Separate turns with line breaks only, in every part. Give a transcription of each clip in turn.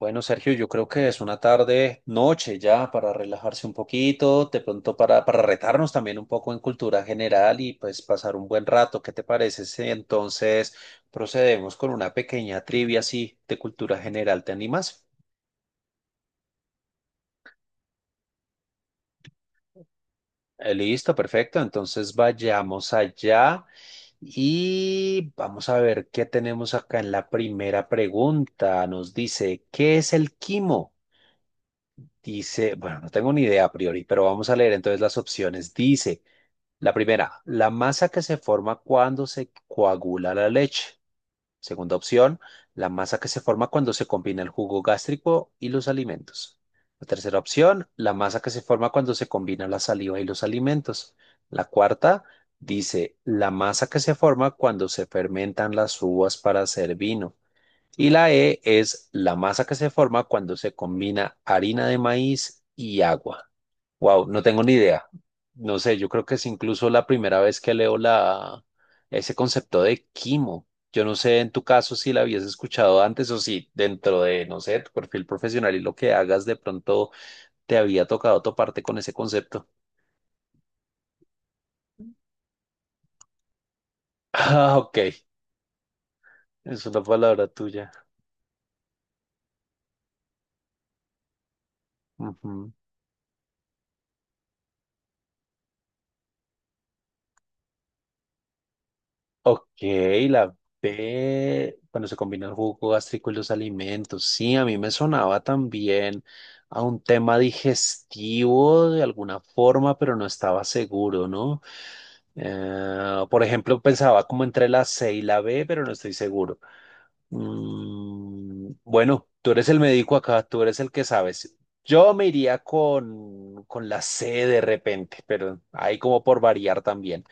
Bueno, Sergio, yo creo que es una tarde, noche ya, para relajarse un poquito, de pronto para retarnos también un poco en cultura general y pues pasar un buen rato. ¿Qué te parece si entonces procedemos con una pequeña trivia así de cultura general? ¿Te animas? Listo, perfecto. Entonces vayamos allá y vamos a ver qué tenemos acá en la primera pregunta. Nos dice, ¿qué es el quimo? Dice, bueno, no tengo ni idea a priori, pero vamos a leer entonces las opciones. Dice, la primera, la masa que se forma cuando se coagula la leche. Segunda opción, la masa que se forma cuando se combina el jugo gástrico y los alimentos. La tercera opción, la masa que se forma cuando se combina la saliva y los alimentos. La cuarta, dice, la masa que se forma cuando se fermentan las uvas para hacer vino. Y la E es la masa que se forma cuando se combina harina de maíz y agua. Wow, no tengo ni idea. No sé, yo creo que es incluso la primera vez que leo ese concepto de quimo. Yo no sé en tu caso si la habías escuchado antes o si dentro de, no sé, tu perfil profesional y lo que hagas de pronto te había tocado toparte con ese concepto. Ah, ok, es una palabra tuya. Ujú. Ok, la B, cuando se combina el jugo gástrico y los alimentos. Sí, a mí me sonaba también a un tema digestivo de alguna forma, pero no estaba seguro, ¿no? Por ejemplo, pensaba como entre la C y la B, pero no estoy seguro. Bueno, tú eres el médico acá, tú eres el que sabes. Yo me iría con la C de repente, pero ahí como por variar también.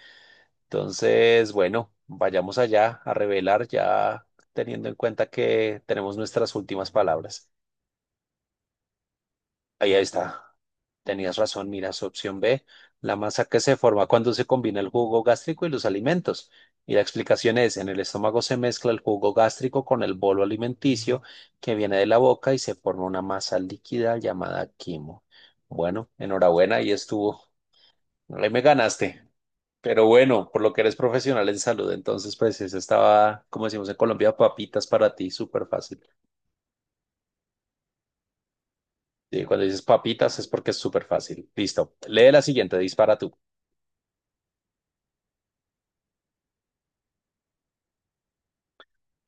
Entonces, bueno, vayamos allá a revelar ya teniendo en cuenta que tenemos nuestras últimas palabras. Ahí está. Tenías razón, mira, su opción B, la masa que se forma cuando se combina el jugo gástrico y los alimentos. Y la explicación es, en el estómago se mezcla el jugo gástrico con el bolo alimenticio que viene de la boca y se forma una masa líquida llamada quimo. Bueno, enhorabuena, ahí estuvo. Ahí me ganaste. Pero bueno, por lo que eres profesional en salud, entonces pues eso estaba, como decimos en Colombia, papitas para ti, súper fácil. Y cuando dices papitas es porque es súper fácil. Listo. Lee la siguiente, dispara tú.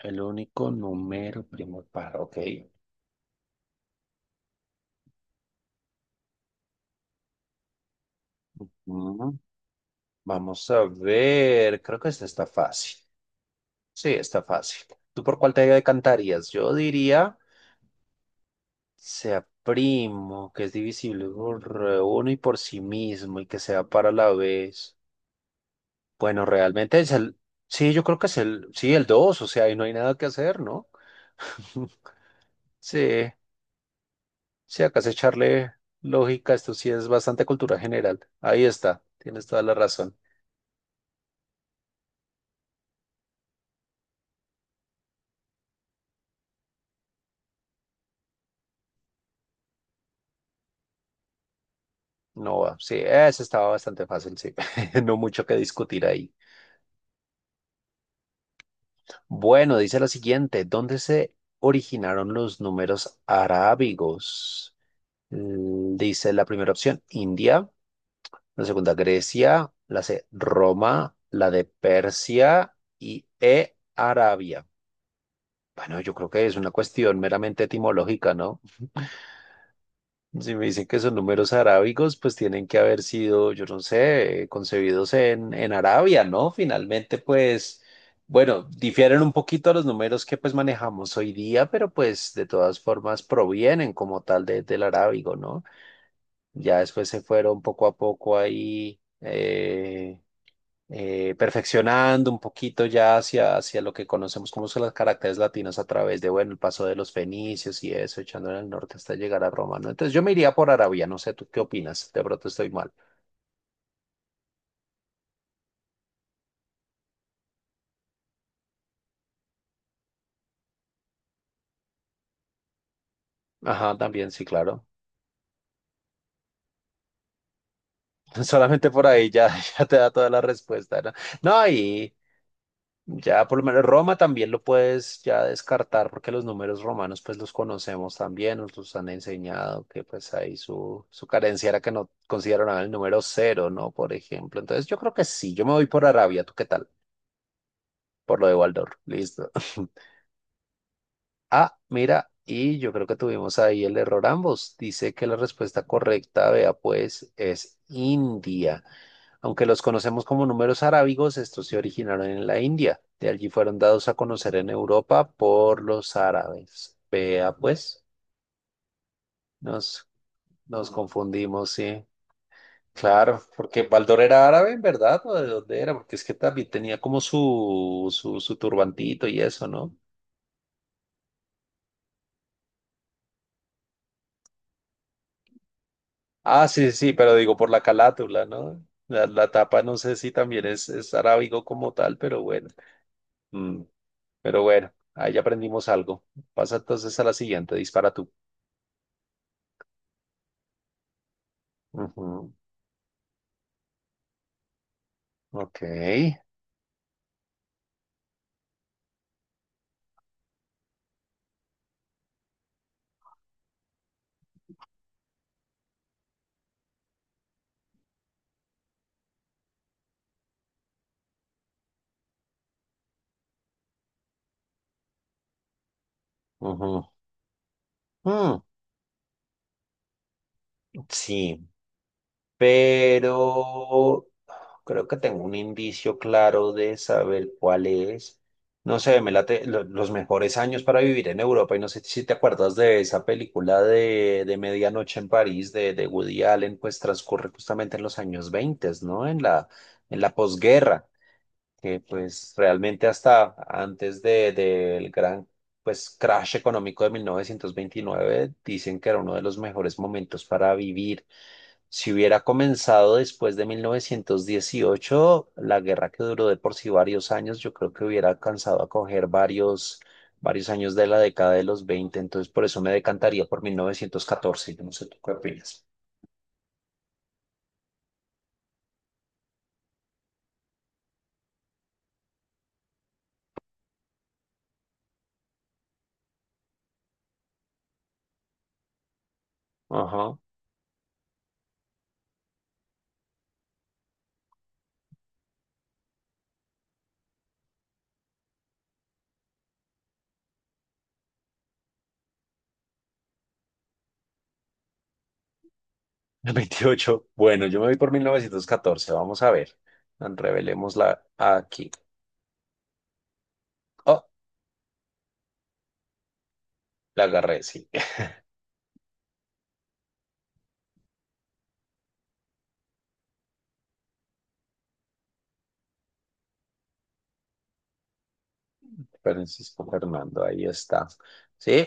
El único número primo par, ok. Mm, Vamos a ver, creo que esta está fácil. Sí, está fácil. ¿Tú por cuál te decantarías? Yo diría, sea primo, que es divisible por uno y por sí mismo y que sea para la vez. Bueno, realmente es el, sí, yo creo que es el, sí, el 2, o sea, ahí no hay nada que hacer, ¿no? Sí, sí, acá es echarle lógica, esto sí es bastante cultura general. Ahí está, tienes toda la razón. No va, sí, ese estaba bastante fácil, sí, no mucho que discutir ahí. Bueno, dice la siguiente, ¿dónde se originaron los números arábigos? Dice la primera opción, India. La segunda Grecia, la C Roma, la de Persia y E Arabia. Bueno, yo creo que es una cuestión meramente etimológica, ¿no? Si me dicen que son números arábigos, pues tienen que haber sido, yo no sé, concebidos en Arabia, ¿no? Finalmente, pues, bueno, difieren un poquito a los números que pues manejamos hoy día, pero pues de todas formas provienen como tal del arábigo, ¿no? Ya después se fueron poco a poco ahí. Perfeccionando un poquito ya hacia, hacia lo que conocemos como son las caracteres latinas a través de, bueno, el paso de los fenicios y eso, echando en el norte hasta llegar a Roma, ¿no? Entonces yo me iría por Arabia, no sé, ¿tú qué opinas? De pronto estoy mal. Ajá, también, sí, claro. Solamente por ahí ya, ya te da toda la respuesta, ¿no? No, ya por lo menos Roma también lo puedes ya descartar porque los números romanos pues los conocemos también, nos los han enseñado que pues ahí su carencia era que no consideraban el número cero, ¿no? Por ejemplo. Entonces yo creo que sí, yo me voy por Arabia, ¿tú qué tal? Por lo de Waldorf, listo. Ah, mira, y yo creo que tuvimos ahí el error ambos. Dice que la respuesta correcta, vea pues, es India. Aunque los conocemos como números arábigos, estos se originaron en la India. De allí fueron dados a conocer en Europa por los árabes. Vea, pues, nos, nos confundimos, sí. Claro, porque Baldor era árabe, ¿verdad? ¿O de dónde era? Porque es que también tenía como su turbantito y eso, ¿no? Ah, sí, sí, pero digo por la calátula, ¿no? La tapa no sé si también es arábigo como tal, pero bueno. Mm, Pero bueno, ahí aprendimos algo. Pasa entonces a la siguiente, dispara tú. Ujú. Ok. Ujú. mm, Sí, pero creo que tengo un indicio claro de saber cuál es. No sé, me late los mejores años para vivir en Europa. Y no sé si te acuerdas de esa película de Medianoche en París de Woody Allen, pues transcurre justamente en los años veinte, ¿no? En la posguerra, que pues realmente hasta antes del gran pues crash económico de 1929 dicen que era uno de los mejores momentos para vivir. Si hubiera comenzado después de 1918 la guerra que duró de por sí varios años, yo creo que hubiera alcanzado a coger varios, varios años de la década de los 20. Entonces por eso me decantaría por 1914, yo no sé tú qué opinas. Ajá. 28. Bueno, yo me voy por 1914. Vamos a ver. Revelémosla aquí. Oh, la agarré, sí. Francisco Fernando, ahí está. Sí,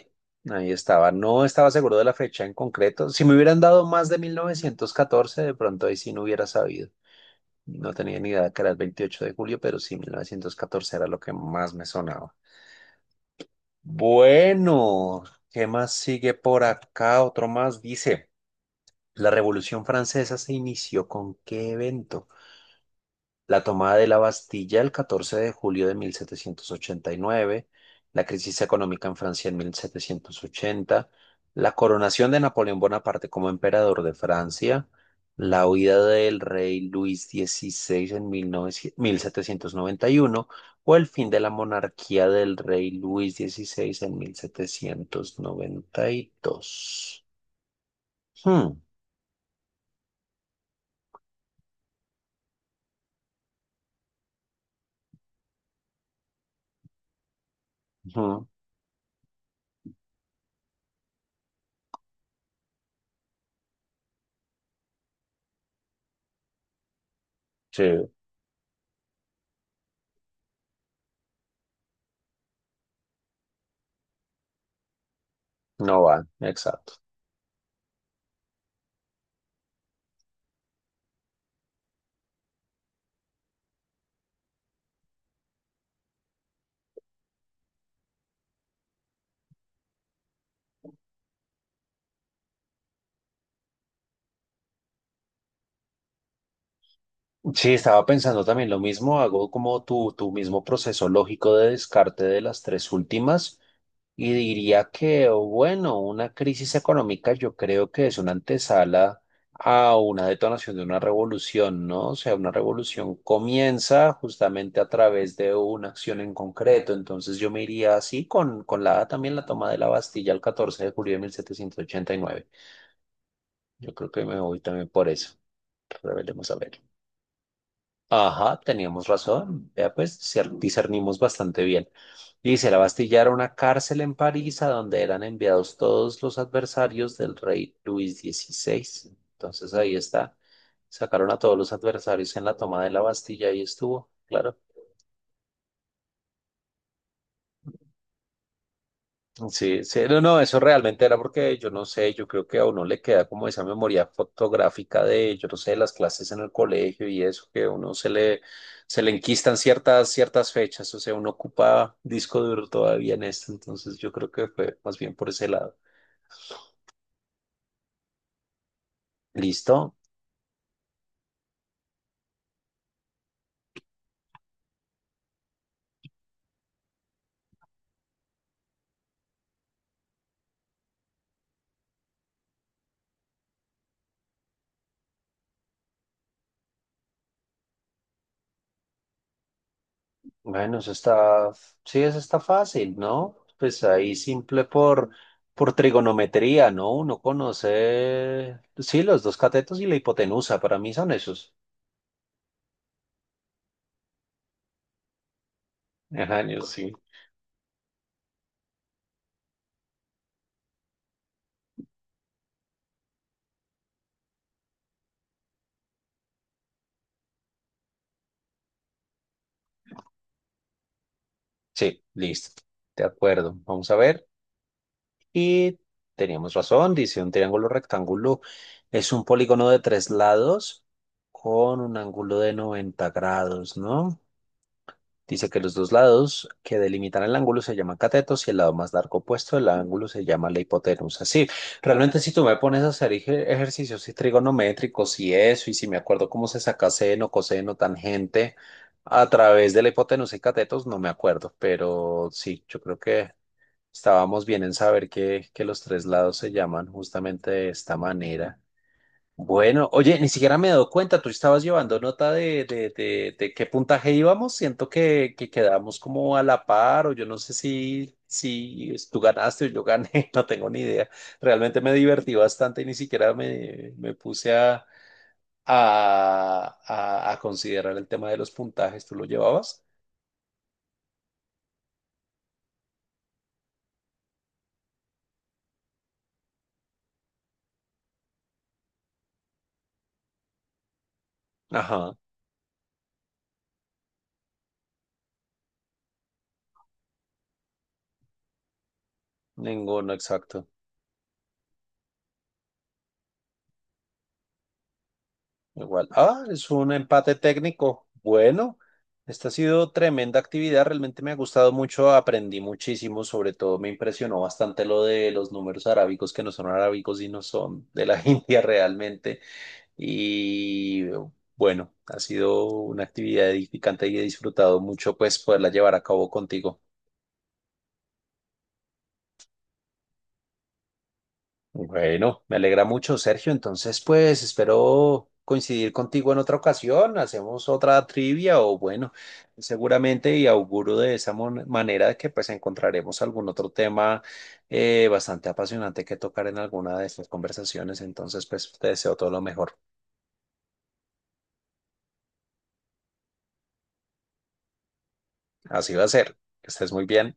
ahí estaba. No estaba seguro de la fecha en concreto. Si me hubieran dado más de 1914, de pronto ahí sí no hubiera sabido. No tenía ni idea que era el 28 de julio, pero sí, 1914 era lo que más me sonaba. Bueno, ¿qué más sigue por acá? Otro más dice. La Revolución Francesa se inició con ¿qué evento? La tomada de la Bastilla el 14 de julio de 1789, la crisis económica en Francia en 1780, la coronación de Napoleón Bonaparte como emperador de Francia, la huida del rey Luis XVI en mil novecientos mil setecientos noventa y uno o el fin de la monarquía del rey Luis XVI en 1792. Hmm. Ujú. Sí, no va, exacto. Sí, estaba pensando también lo mismo, hago como tu mismo proceso lógico de descarte de las tres últimas y diría que, bueno, una crisis económica yo creo que es una antesala a una detonación de una revolución, ¿no? O sea, una revolución comienza justamente a través de una acción en concreto, entonces yo me iría así con la también la toma de la Bastilla el 14 de julio de 1789. Yo creo que me voy también por eso. Revelemos a ver. Ajá, teníamos razón. Ya pues discernimos bastante bien. Dice, la Bastilla era una cárcel en París a donde eran enviados todos los adversarios del rey Luis XVI. Entonces ahí está. Sacaron a todos los adversarios en la toma de la Bastilla y estuvo. Claro. Sí, sí, no, no, eso realmente era porque yo no sé, yo creo que a uno le queda como esa memoria fotográfica de, yo no sé, las clases en el colegio y eso, que a uno se le enquistan ciertas, ciertas fechas, o sea, uno ocupa disco duro todavía en esto, entonces yo creo que fue más bien por ese lado. ¿Listo? Bueno, eso está, sí, eso está fácil, ¿no? Pues ahí simple por trigonometría, ¿no? Uno conoce, sí, los dos catetos y la hipotenusa, para mí son esos. Ajá, yo sí. Sí, listo. De acuerdo. Vamos a ver. Y teníamos razón. Dice un triángulo rectángulo es un polígono de tres lados con un ángulo de 90 grados, ¿no? Dice que los dos lados que delimitan el ángulo se llaman catetos y el lado más largo opuesto del ángulo se llama la hipotenusa. Sí, realmente si tú me pones a hacer ejercicios y trigonométricos y eso, y si me acuerdo cómo se saca seno, coseno, tangente a través de la hipotenusa y catetos, no me acuerdo, pero sí, yo creo que estábamos bien en saber que los tres lados se llaman justamente de esta manera. Bueno, oye, ni siquiera me he dado cuenta, tú estabas llevando nota de qué puntaje íbamos, siento que quedamos como a la par, o yo no sé si, tú ganaste o yo gané, no tengo ni idea. Realmente me divertí bastante y ni siquiera me puse a, a considerar el tema de los puntajes, ¿tú lo llevabas? Ajá, ninguno, exacto. Igual. Ah, es un empate técnico. Bueno, esta ha sido tremenda actividad. Realmente me ha gustado mucho. Aprendí muchísimo. Sobre todo me impresionó bastante lo de los números arábicos que no son arábicos y no son de la India realmente. Y bueno, ha sido una actividad edificante y he disfrutado mucho pues poderla llevar a cabo contigo. Bueno, me alegra mucho, Sergio. Entonces, pues espero coincidir contigo en otra ocasión. Hacemos otra trivia o bueno, seguramente y auguro de esa manera que pues encontraremos algún otro tema bastante apasionante que tocar en alguna de estas conversaciones. Entonces, pues te deseo todo lo mejor. Así va a ser. Que estés muy bien.